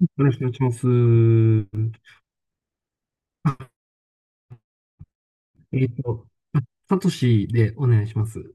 よろしくお願いします。あえっと、あサトシでお願いします。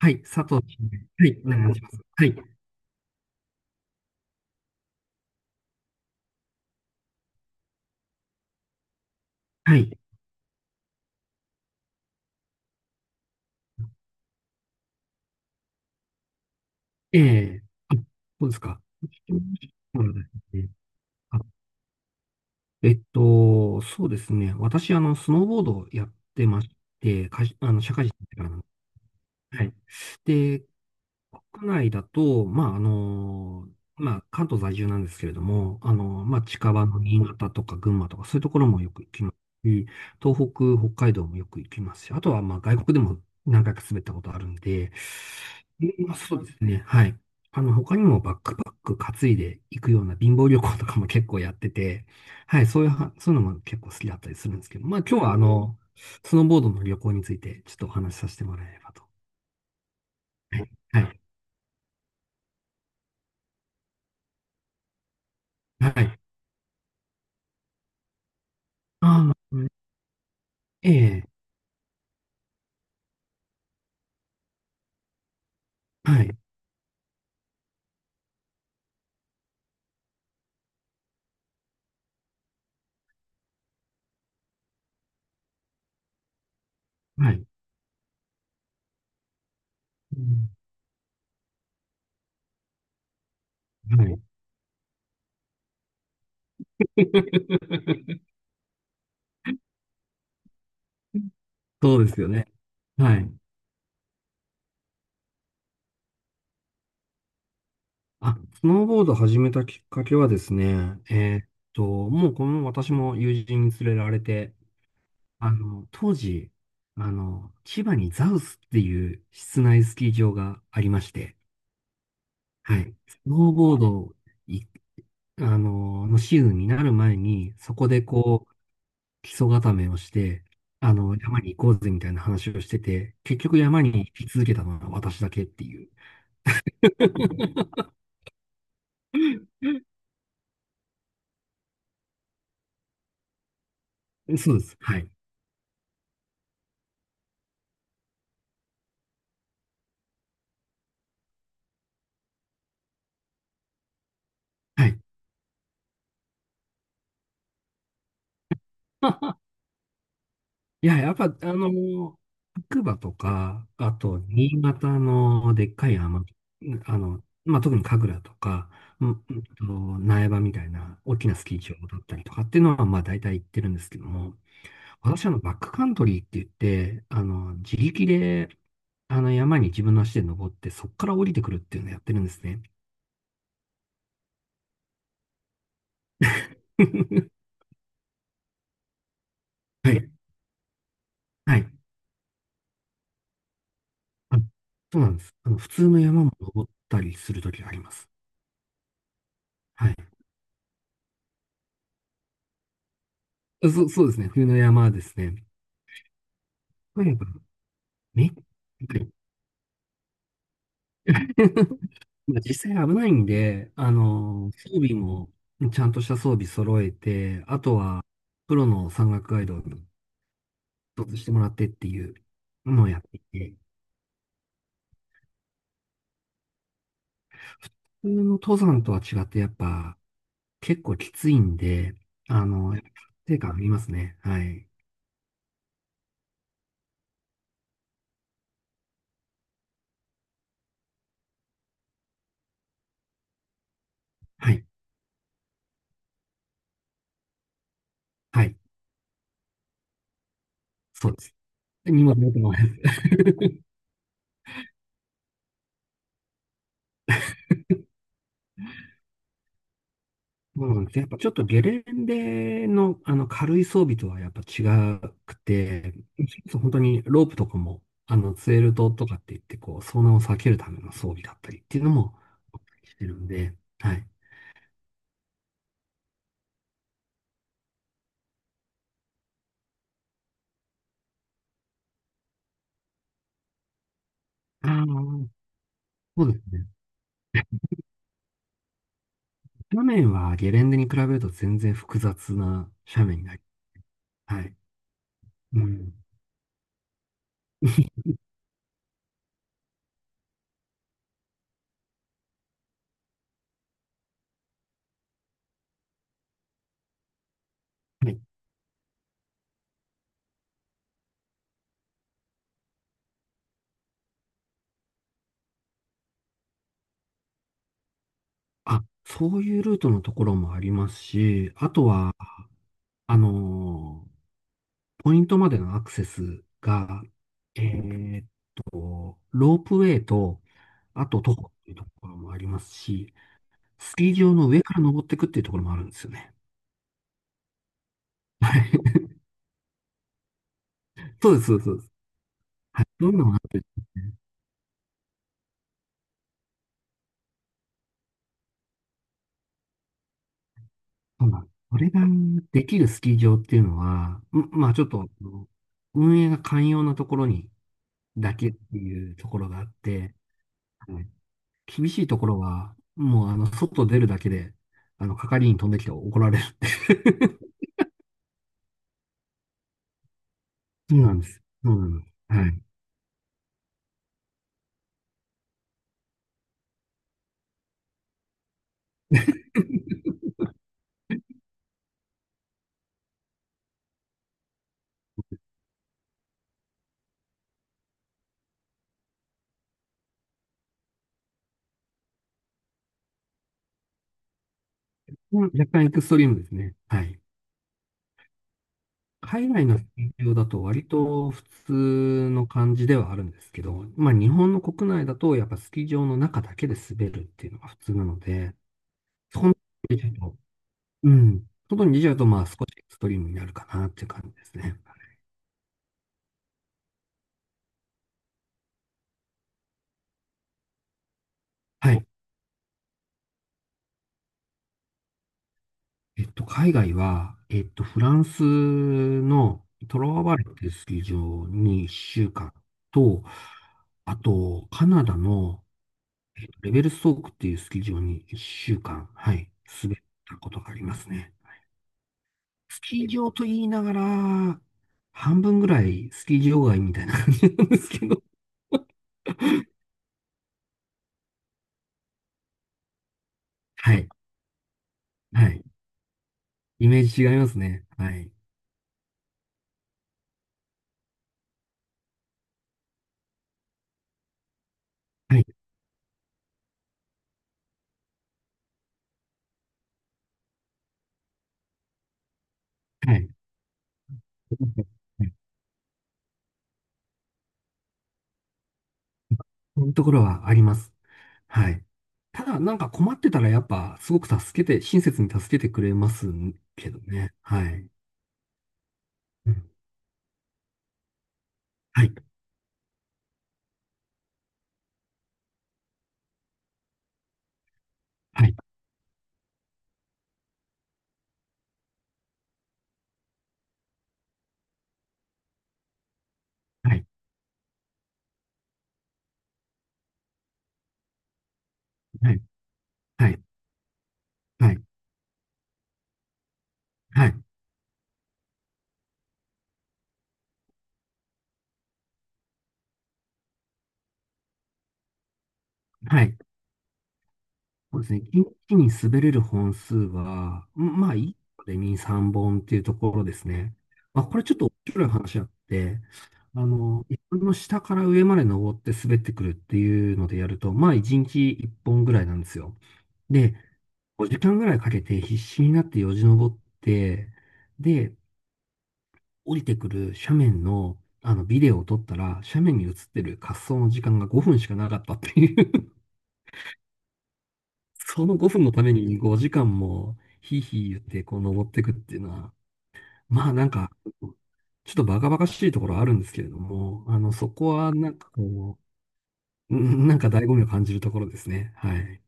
はい、サトシで。はい、お願いします。はい、はい。ええ。あ、そうですか。そうですね。あそうですね。私、スノーボードをやってまして、会社あの、社会人だからなんです。はい。で、国内だと、まあ、まあ、関東在住なんですけれども、まあ、近場の新潟とか群馬とか、そういうところもよく行きますし、東北、北海道もよく行きますし、あとは、まあ、外国でも何回か滑ったことあるんで。でまあ、そうですね、はい。他にもバックパック担いで行くような貧乏旅行とかも結構やってて、はい、そういうは、そういうのも結構好きだったりするんですけど、まあ、今日は、スノーボードの旅行について、ちょっとお話しさせてもらえればと。はい。はい。はい。ああ、うん。ええ、はい、はい、うん、はい。そうですよね。はい。あ、スノーボード始めたきっかけはですね、と、もうこの私も友人に連れられて、当時、千葉にザウスっていう室内スキー場がありまして、はい。スノーボードい、あの、のシーズンになる前に、そこで基礎固めをして、山に行こうぜみたいな話をしてて、結局山に行き続けたのは私だけっていう。そうです。はい。はい。いや、やっぱ、白馬とか、あと、新潟のでっかい山、まあ、特に神楽とか、うんうんと苗場みたいな大きなスキー場だったりとかっていうのは、まあ、大体行ってるんですけども、私、バックカントリーって言って、自力で、山に自分の足で登って、そこから降りてくるっていうのをやってるんですね。はい。はい。あ、そうなんです。普通の山も登ったりするときがあります。はい。そうですね。冬の山ですね。とにかく、め、まあ実際危ないんで、装備も、ちゃんとした装備揃えて、あとは、プロの山岳ガイドを一つしてもらってっていうのをやっていて、普通の登山とは違って、やっぱ結構きついんで、やっぱ達成感ありますね。はい。はい。はい。そうです。荷物持ってもらえる。そうなんです。やっぱちょっとゲレンデの、あの軽い装備とはやっぱ違くて、そう本当にロープとかも、ツエルトとかって言って、こう、遭難を避けるための装備だったりっていうのも、してるんで、はい。ああ、そうですね。斜面はゲレンデに比べると全然複雑な斜面になり、はい。うん。はい。あ、そういうルートのところもありますし、あとは、あのーポイントまでのアクセスが、えーっロープウェイと、あと徒歩っていうところもありますし、スキー場の上から登っていくっていうところもあるんですよね。はい。そうです、そうです。そうです。はい。そういうのが、そうなんそれができるスキー場っていうのは、まあちょっと、運営が寛容なところにだけっていうところがあって、はい。厳しいところは、もう外出るだけで、係員飛んできて怒られるって。 そうなんです。そうなんです。はい。うん、若干エクストリームですね。はい。海外の企業だと割と普通の感じではあるんですけど、まあ日本の国内だとやっぱスキー場の中だけで滑るっていうのが普通なので、そこに出ちゃうと、うん。外に出ちゃうとまあ少しエクストリームになるかなっていう感じですね。はい。海外は、フランスのトロワバレッっていうスキー場に1週間と、あと、カナダのレベルストークっていうスキー場に1週間、はい、滑ったことがありますね。スキー場と言いながら、半分ぐらいスキー場外みたいな感じなんですけど、はい、はい。イメージ違いますね。はい、はい、はい。こういうところはあります。はい。ただ、なんか困ってたらやっぱ、すごく助けて、親切に助けてくれますけどね。はい。うん。はい。はい。はい。はい。はい。はい。はい。はい。そうですね。一気に滑れる本数は、うん、まあ、1個で2、3本っていうところですね。まあ、これちょっと面白い話あって、一本の下から上まで登って滑ってくるっていうのでやると、まあ、1日1本ぐらいなんですよ。で、5時間ぐらいかけて必死になってよじ登って、で、降りてくる斜面の、あのビデオを撮ったら、斜面に映ってる滑走の時間が5分しかなかったっていう。 その5分のために5時間もヒーヒー言ってこう登ってくっていうのは、まあなんか、ちょっとバカバカしいところはあるんですけれども、そこはなんかこう、うん、なんか醍醐味を感じるところですね。はい。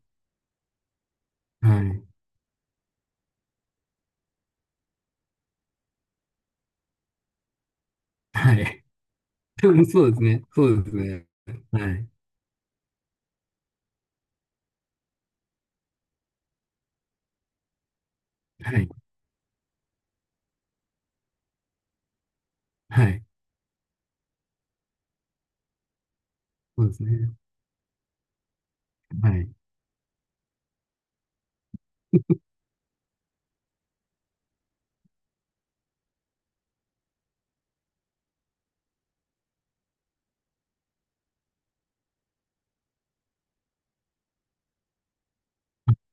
はい。はい。そうですね。そうですね。はい。はい。はい。そうですね。はい。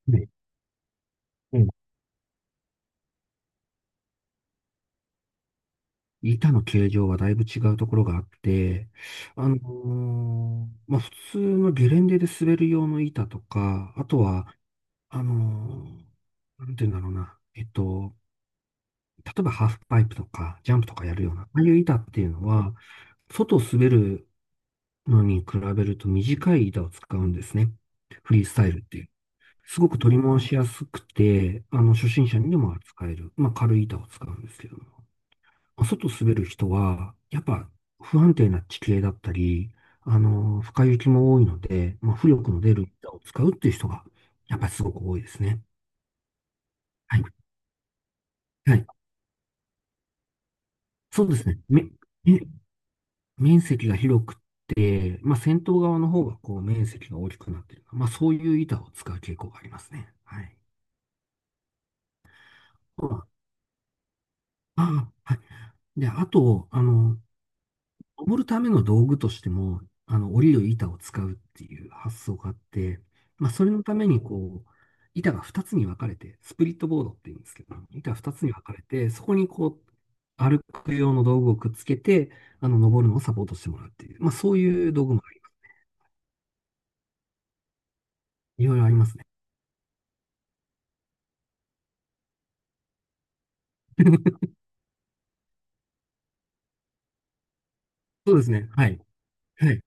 ね、うん。板の形状はだいぶ違うところがあって、まあ、普通のゲレンデで滑る用の板とか、あとは、あのーなんて言うんだろうな。例えばハーフパイプとか、ジャンプとかやるような、ああいう板っていうのは、外を滑るのに比べると短い板を使うんですね。フリースタイルっていう。すごく取り回しやすくて、初心者にでも扱える、まあ、軽い板を使うんですけど、外滑る人は、やっぱ不安定な地形だったり、深い雪も多いので、まあ、浮力の出る板を使うっていう人が、やっぱりすごく多いですね。はい。はい。そうですね。め面積が広くて、まあ、先頭側の方がこう面積が大きくなっている。まあ、そういう板を使う傾向がありますね。はい。まあ、あ、はい。で、あと、登るための道具としても、折りる板を使うっていう発想があって、まあ、それのために、こう、板が2つに分かれて、スプリットボードって言うんですけど、板2つに分かれて、そこにこう、歩く用の道具をくっつけて、登るのをサポートしてもらうっていう、まあ、そういう道具もあり、いろいろありますね。そうですね。はい。はい